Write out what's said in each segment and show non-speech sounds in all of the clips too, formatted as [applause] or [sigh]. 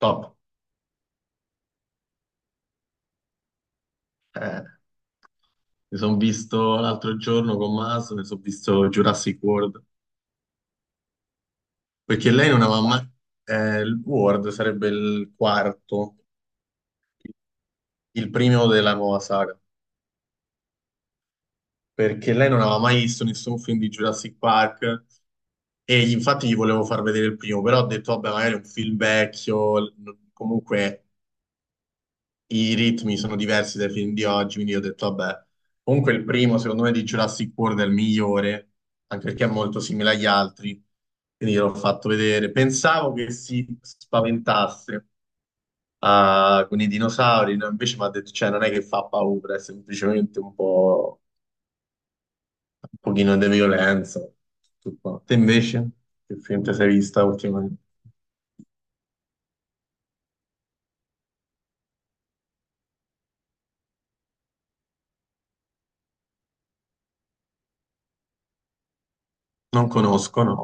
Top. Eh, Mi sono visto l'altro giorno con Maso, mi sono visto Jurassic World, perché lei non aveva mai... il World sarebbe il quarto, il primo della nuova saga, perché lei non aveva mai visto nessun film di Jurassic Park e infatti gli volevo far vedere il primo, però ho detto, vabbè, magari è un film vecchio, comunque i ritmi sono diversi dai film di oggi, quindi ho detto, vabbè, comunque il primo, secondo me, di Jurassic World è il migliore, anche perché è molto simile agli altri, quindi l'ho fatto vedere. Pensavo che si spaventasse ah, con i dinosauri, no? Invece mi ha detto, cioè, non è che fa paura, è semplicemente un po', un pochino di violenza. Tutto qua. Te invece, che film ti sei vista ultimamente? Non conosco, no.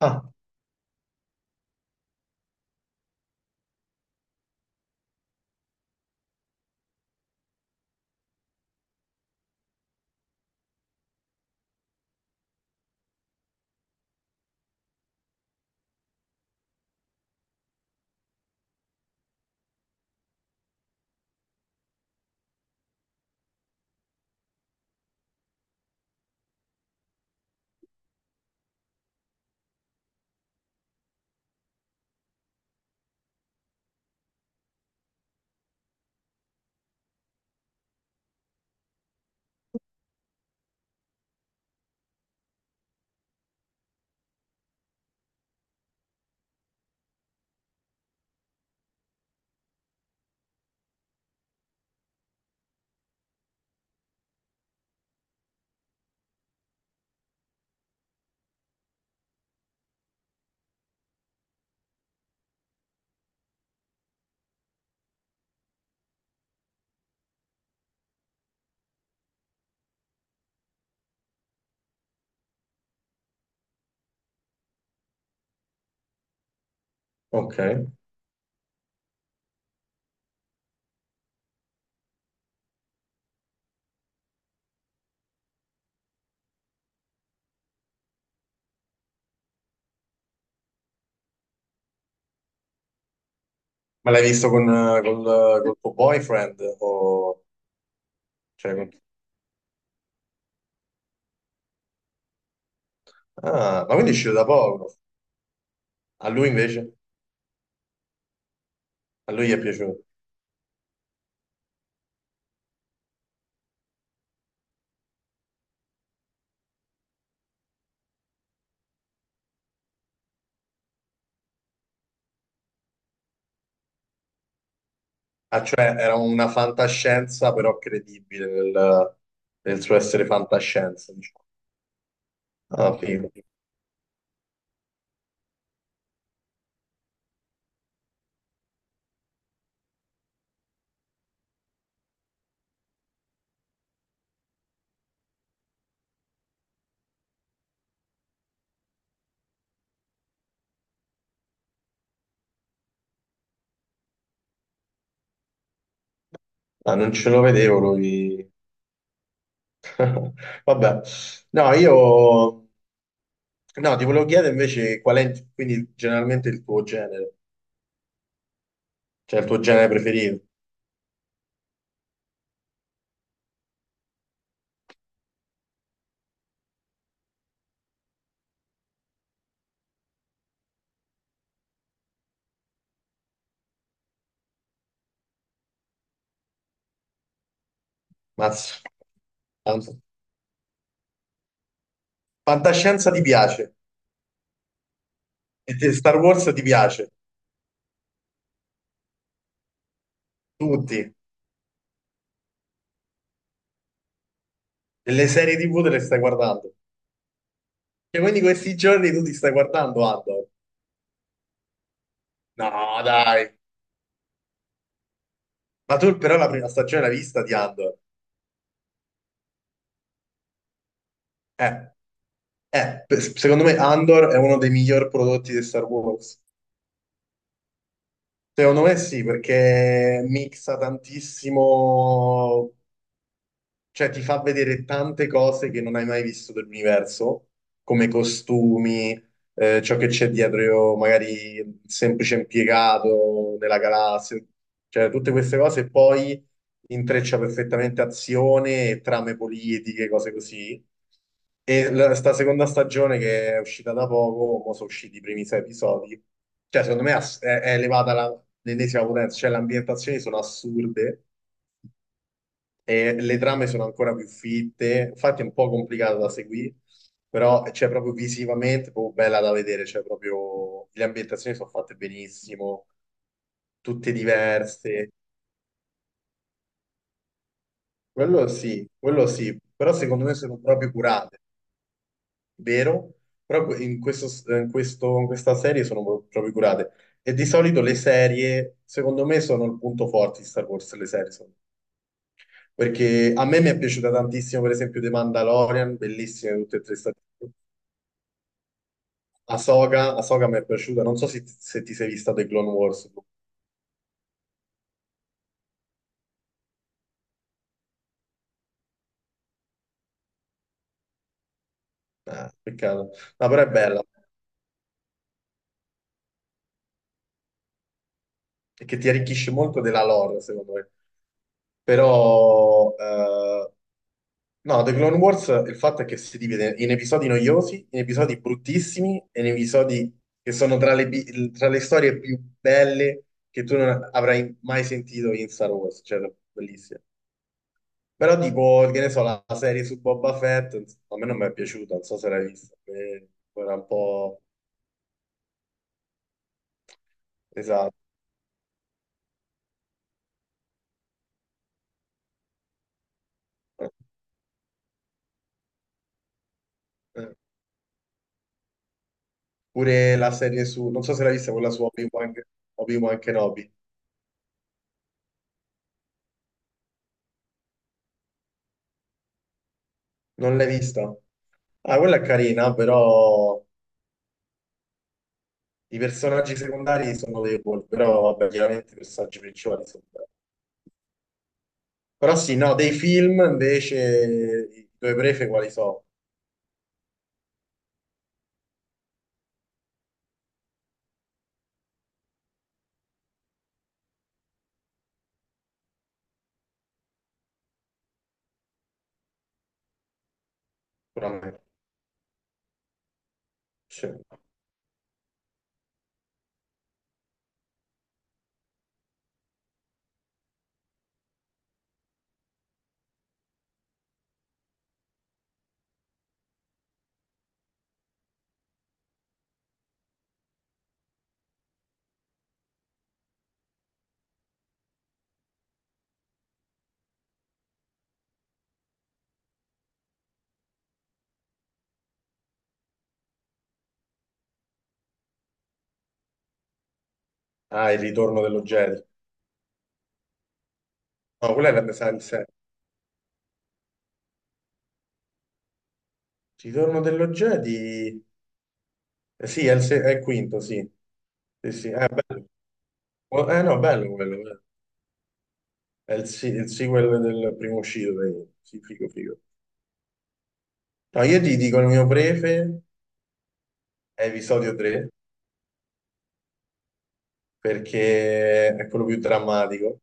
Ah, ok. Ma l'hai visto con, col, col tuo boyfriend? O, cioè, ah, ma quindi è uscito da poco. A lui invece? A lui gli è piaciuto. Ah, cioè, era una fantascienza però credibile nel, nel suo essere fantascienza, diciamo. Ah, figo. Ah, non ce lo vedevo lui. [laughs] Vabbè. No, io... No, ti volevo chiedere invece qual è quindi generalmente il tuo genere, cioè il tuo genere preferito. Mazza. Tanto. Fantascienza ti piace? Star Wars ti piace, tutti, e le serie TV te le stai guardando. Cioè, quindi questi giorni tu ti stai guardando Andor. No, dai. Ma tu però la prima stagione l'hai vista di Andor. Eh, secondo me Andor è uno dei miglior prodotti di Star Wars. Secondo me sì, perché mixa tantissimo. Cioè, ti fa vedere tante cose che non hai mai visto dell'universo, come costumi, ciò che c'è dietro, magari il semplice impiegato nella galassia, cioè tutte queste cose, e poi intreccia perfettamente azione e trame politiche, cose così. E sta seconda stagione che è uscita da poco, mo sono usciti i primi sei episodi, cioè secondo me è elevata l'ennesima potenza, cioè le ambientazioni sono assurde e le trame sono ancora più fitte, infatti è un po' complicato da seguire, però c'è proprio visivamente, proprio bella da vedere, c'è proprio le ambientazioni sono fatte benissimo, tutte diverse, quello sì, però secondo me sono proprio curate, vero? Però in questo, in questa serie sono proprio curate. E di solito le serie, secondo me, sono il punto forte di Star Wars, le serie. Perché a me mi è piaciuta tantissimo, per esempio, The Mandalorian, bellissime tutte e tre stagioni. Ahsoka, Ahsoka mi è piaciuta, non so se ti sei vista The Clone Wars. Peccato, no, però è bella, perché ti arricchisce molto della lore, secondo me. Però, no, The Clone Wars, il fatto è che si divide in episodi noiosi, in episodi bruttissimi, e in episodi che sono tra tra le storie più belle che tu non avrai mai sentito in Star Wars, cioè, bellissime. Però tipo, che ne so, la serie su Boba Fett, ins- a me non mi è piaciuta, non so se l'hai vista, era un po'... Esatto. Eh. Pure la serie su... Non so se l'hai vista quella su Obi-Wan, Obi-Wan Kenobi. Non l'hai vista? Ah, quella è carina, però i personaggi secondari sono deboli, però vabbè, chiaramente i personaggi principali sono belli. Però sì, no, dei film invece i due prefe quali sono? Sicuramente. Cioè, ah, il ritorno dello Jedi. No, quella è la mia serie. Ritorno dello Jedi? Sì, è il, se- è il quinto, sì. Sì, sì. No, bello quello, bello. È il sequel del primo uscito, dai. Sì, figo, figo. No, io ti dico il mio prefe è episodio 3, perché è quello più drammatico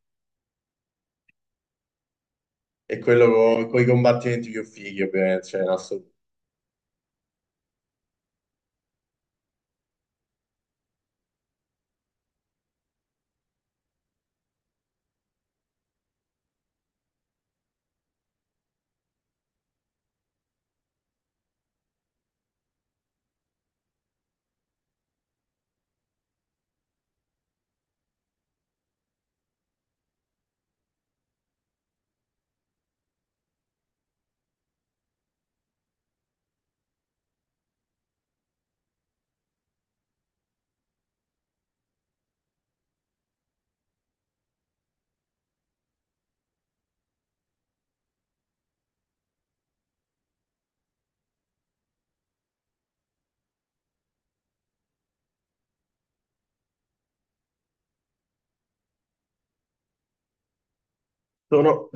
e quello con i combattimenti più fighi, ovviamente, cioè, in assoluto. Sono